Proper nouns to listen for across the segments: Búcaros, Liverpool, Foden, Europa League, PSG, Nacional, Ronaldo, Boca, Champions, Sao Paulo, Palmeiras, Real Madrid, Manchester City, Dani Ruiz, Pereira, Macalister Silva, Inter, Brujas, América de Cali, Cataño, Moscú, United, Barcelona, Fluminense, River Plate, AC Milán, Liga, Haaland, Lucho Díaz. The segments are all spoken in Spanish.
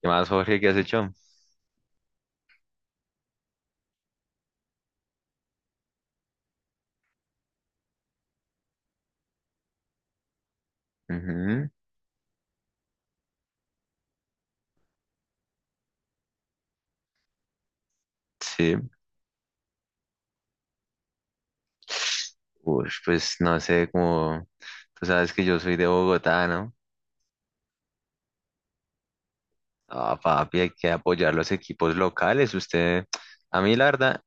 ¿Qué más, Jorge? ¿Qué has hecho? Ujú. Sí. Uy, pues no sé, como tú sabes que yo soy de Bogotá, ¿no? Ah, papi, hay que apoyar los equipos locales. Usted, a mí la verdad,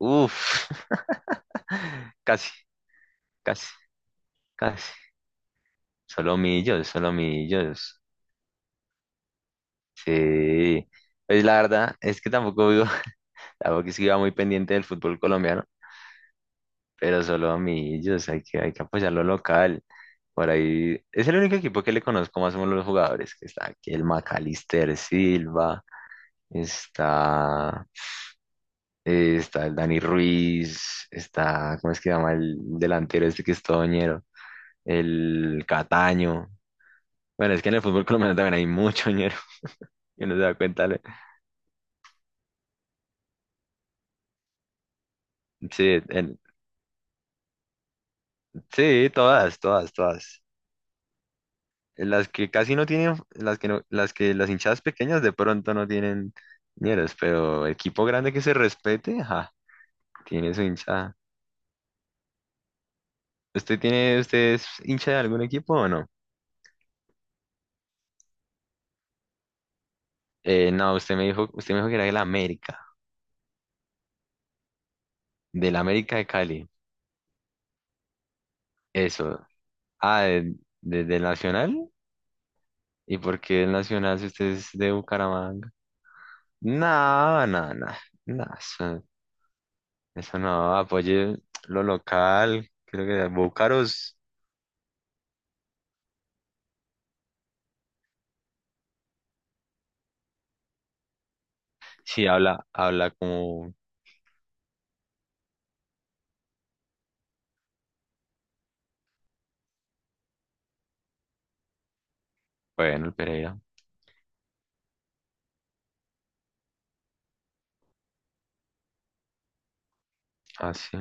uff, casi, casi, casi. Solo millos, solo millos. Sí. Pues la verdad es que tampoco vivo, tampoco es que iba muy pendiente del fútbol colombiano, pero solo millos, hay que apoyar lo local. Por ahí es el único equipo que le conozco más o menos los jugadores, que está aquí el Macalister Silva, está, está el Dani Ruiz, está, ¿cómo es que se llama el delantero este que es todo ñero? El Cataño. Bueno, es que en el fútbol colombiano también hay mucho ñero, y no se da cuenta. Sí, sí, todas, todas, todas. Las que casi no tienen, las que no, las que las hinchadas pequeñas de pronto no tienen ñeros, pero equipo grande que se respete, ajá, tiene su hinchada. ¿Usted tiene, usted es hincha de algún equipo o no? No, usted me dijo, que era de América, del América de Cali. Eso. Ah, del Nacional. ¿Y por qué el Nacional si usted es de Bucaramanga? No, no, no, no, eso no, apoye lo local, creo que Búcaros sí habla, habla como, bueno, el Pereira, así,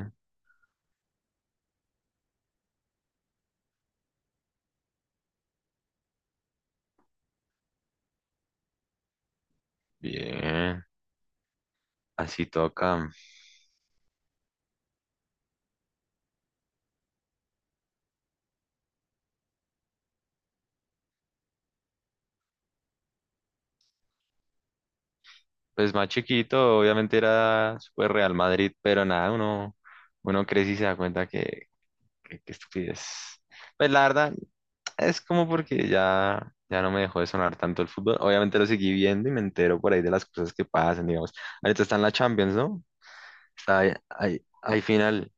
bien, así toca. Pues más chiquito, obviamente era súper Real Madrid, pero nada, uno crece y se da cuenta que, que estupidez. Pues la verdad, es como porque ya no me dejó de sonar tanto el fútbol. Obviamente lo seguí viendo y me entero por ahí de las cosas que pasan, digamos. Ahorita está en la Champions, ¿no? Está ahí, ahí final.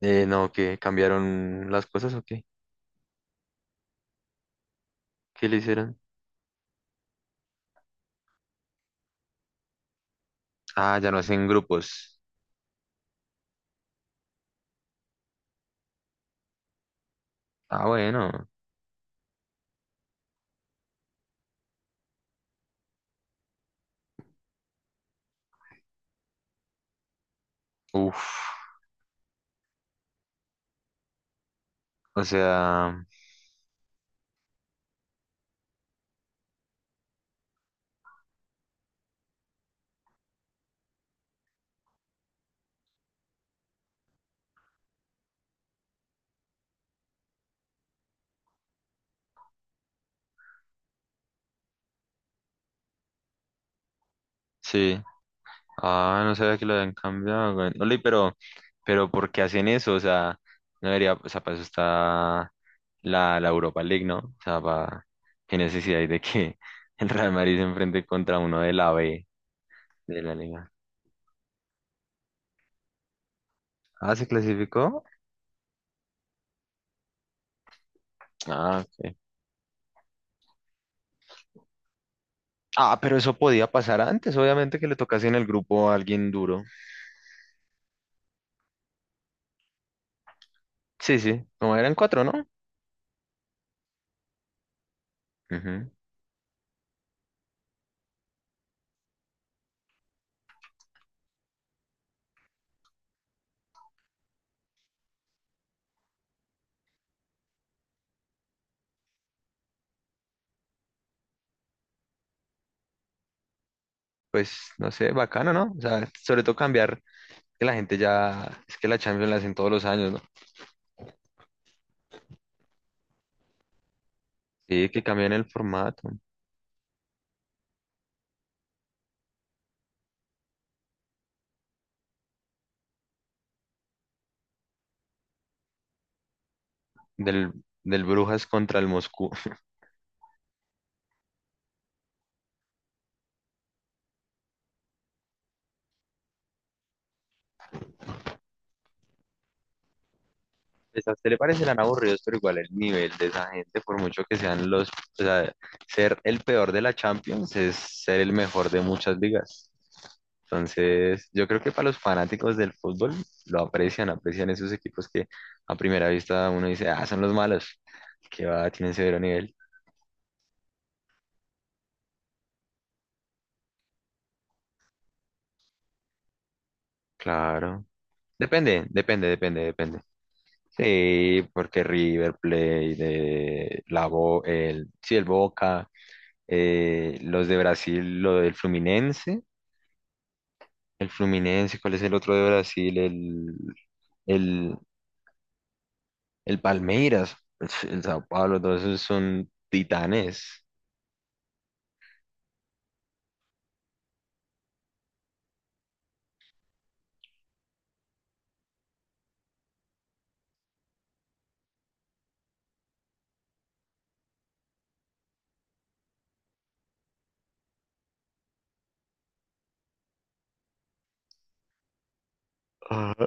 No, ¿que cambiaron las cosas o qué? ¿Qué le hicieron? Ah, ya no hacen grupos. Ah, bueno. Uf. O sea, sí. Ah, no sabía que lo habían cambiado, güey. Ole, pero, ¿por qué hacen eso? O sea, no debería, o sea, para eso está la Europa League, ¿no? O sea, para, qué necesidad hay de que el Real Madrid se enfrente contra uno de la B de la Liga. Ah, ¿se clasificó? Ah, ok. Ah, pero eso podía pasar antes, obviamente que le tocase en el grupo a alguien duro. Sí, sí, como eran cuatro, ¿no? Ujú. Pues, no sé, bacano, ¿no? O sea, sobre todo cambiar, que la gente ya, es que la Champions la hacen todos los años, ¿no? Sí, que cambian el formato del, del Brujas contra el Moscú. Pues a usted le parecerán aburridos, pero igual el nivel de esa gente, por mucho que sean los, o sea, ser el peor de la Champions es ser el mejor de muchas ligas. Entonces, yo creo que para los fanáticos del fútbol aprecian esos equipos que a primera vista uno dice, ah, son los malos, que va, tienen severo nivel. Claro. Depende, depende, depende, depende. Sí, porque River Plate, el, sí, el Boca, los de Brasil, lo del Fluminense, el Fluminense, ¿cuál es el otro de Brasil? El, el, el Palmeiras, pues, el, Sao Paulo, todos esos son titanes. Ajá.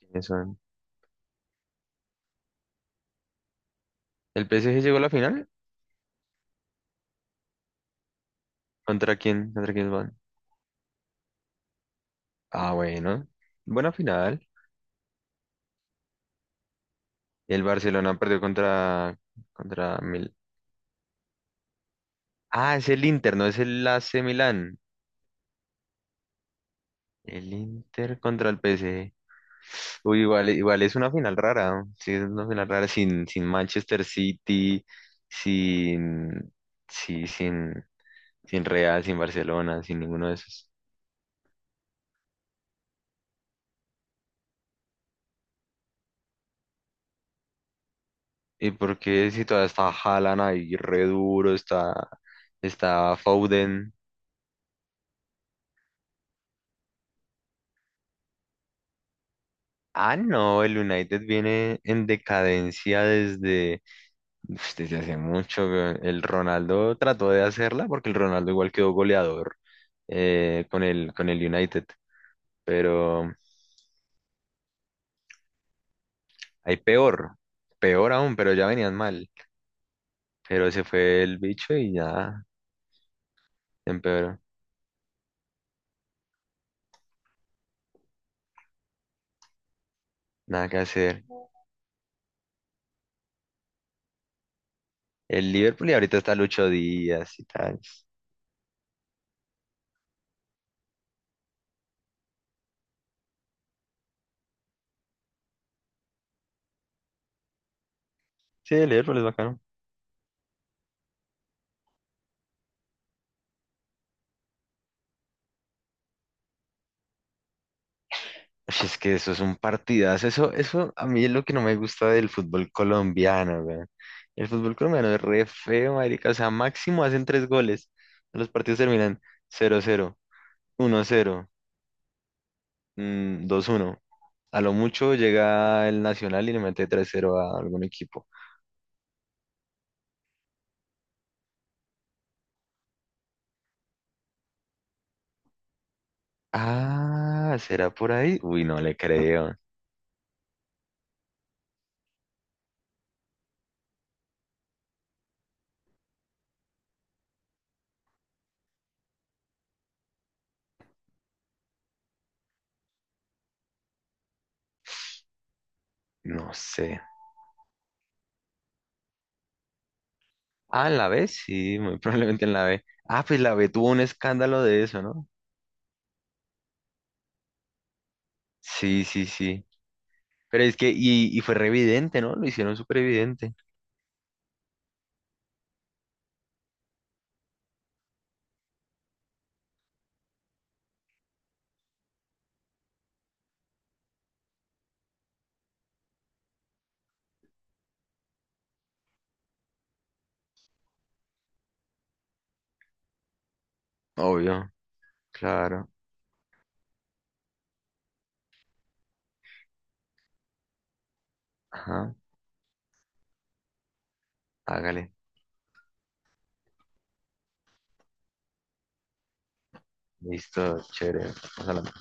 ¿Quiénes son? ¿El PSG llegó a la final? ¿Contra quién? ¿Contra quién van? Ah, bueno, buena final. El Barcelona perdió contra, Mil. Ah, es el Inter, no es el AC Milán. El Inter contra el PSG. Uy, igual es una final rara, ¿no? Sí, es una final rara sin, Manchester City, sin, sí, sin Real, sin Barcelona, sin ninguno de esos. ¿Y por qué si todavía está Haaland ahí re duro, está Foden? Ah, no, el United viene en decadencia desde, desde hace mucho, weón. El Ronaldo trató de hacerla porque el Ronaldo igual quedó goleador, con el United. Pero hay peor, peor aún, pero ya venían mal. Pero se fue el bicho y ya empeoró, nada que hacer. El Liverpool y ahorita está Lucho Díaz y tal. Sí, el Liverpool es bacano. Ush, es que eso es un partidazo, eso, a mí es lo que no me gusta del fútbol colombiano, weón. El fútbol colombiano es re feo, marica, o sea, máximo hacen tres goles. Los partidos terminan 0-0, uno 0, 2-1. A lo mucho llega el Nacional y le mete 3-0 a algún equipo. Ah, ¿será por ahí? Uy, no le creo. No sé. Ah, ¿en la B? Sí, muy probablemente en la B. Ah, pues la B tuvo un escándalo de eso, ¿no? Sí, sí, sí. Pero es que, y fue re evidente, ¿no? Lo hicieron súper evidente. Obvio, claro. Ajá, hágale. Listo, chévere. Vamos a la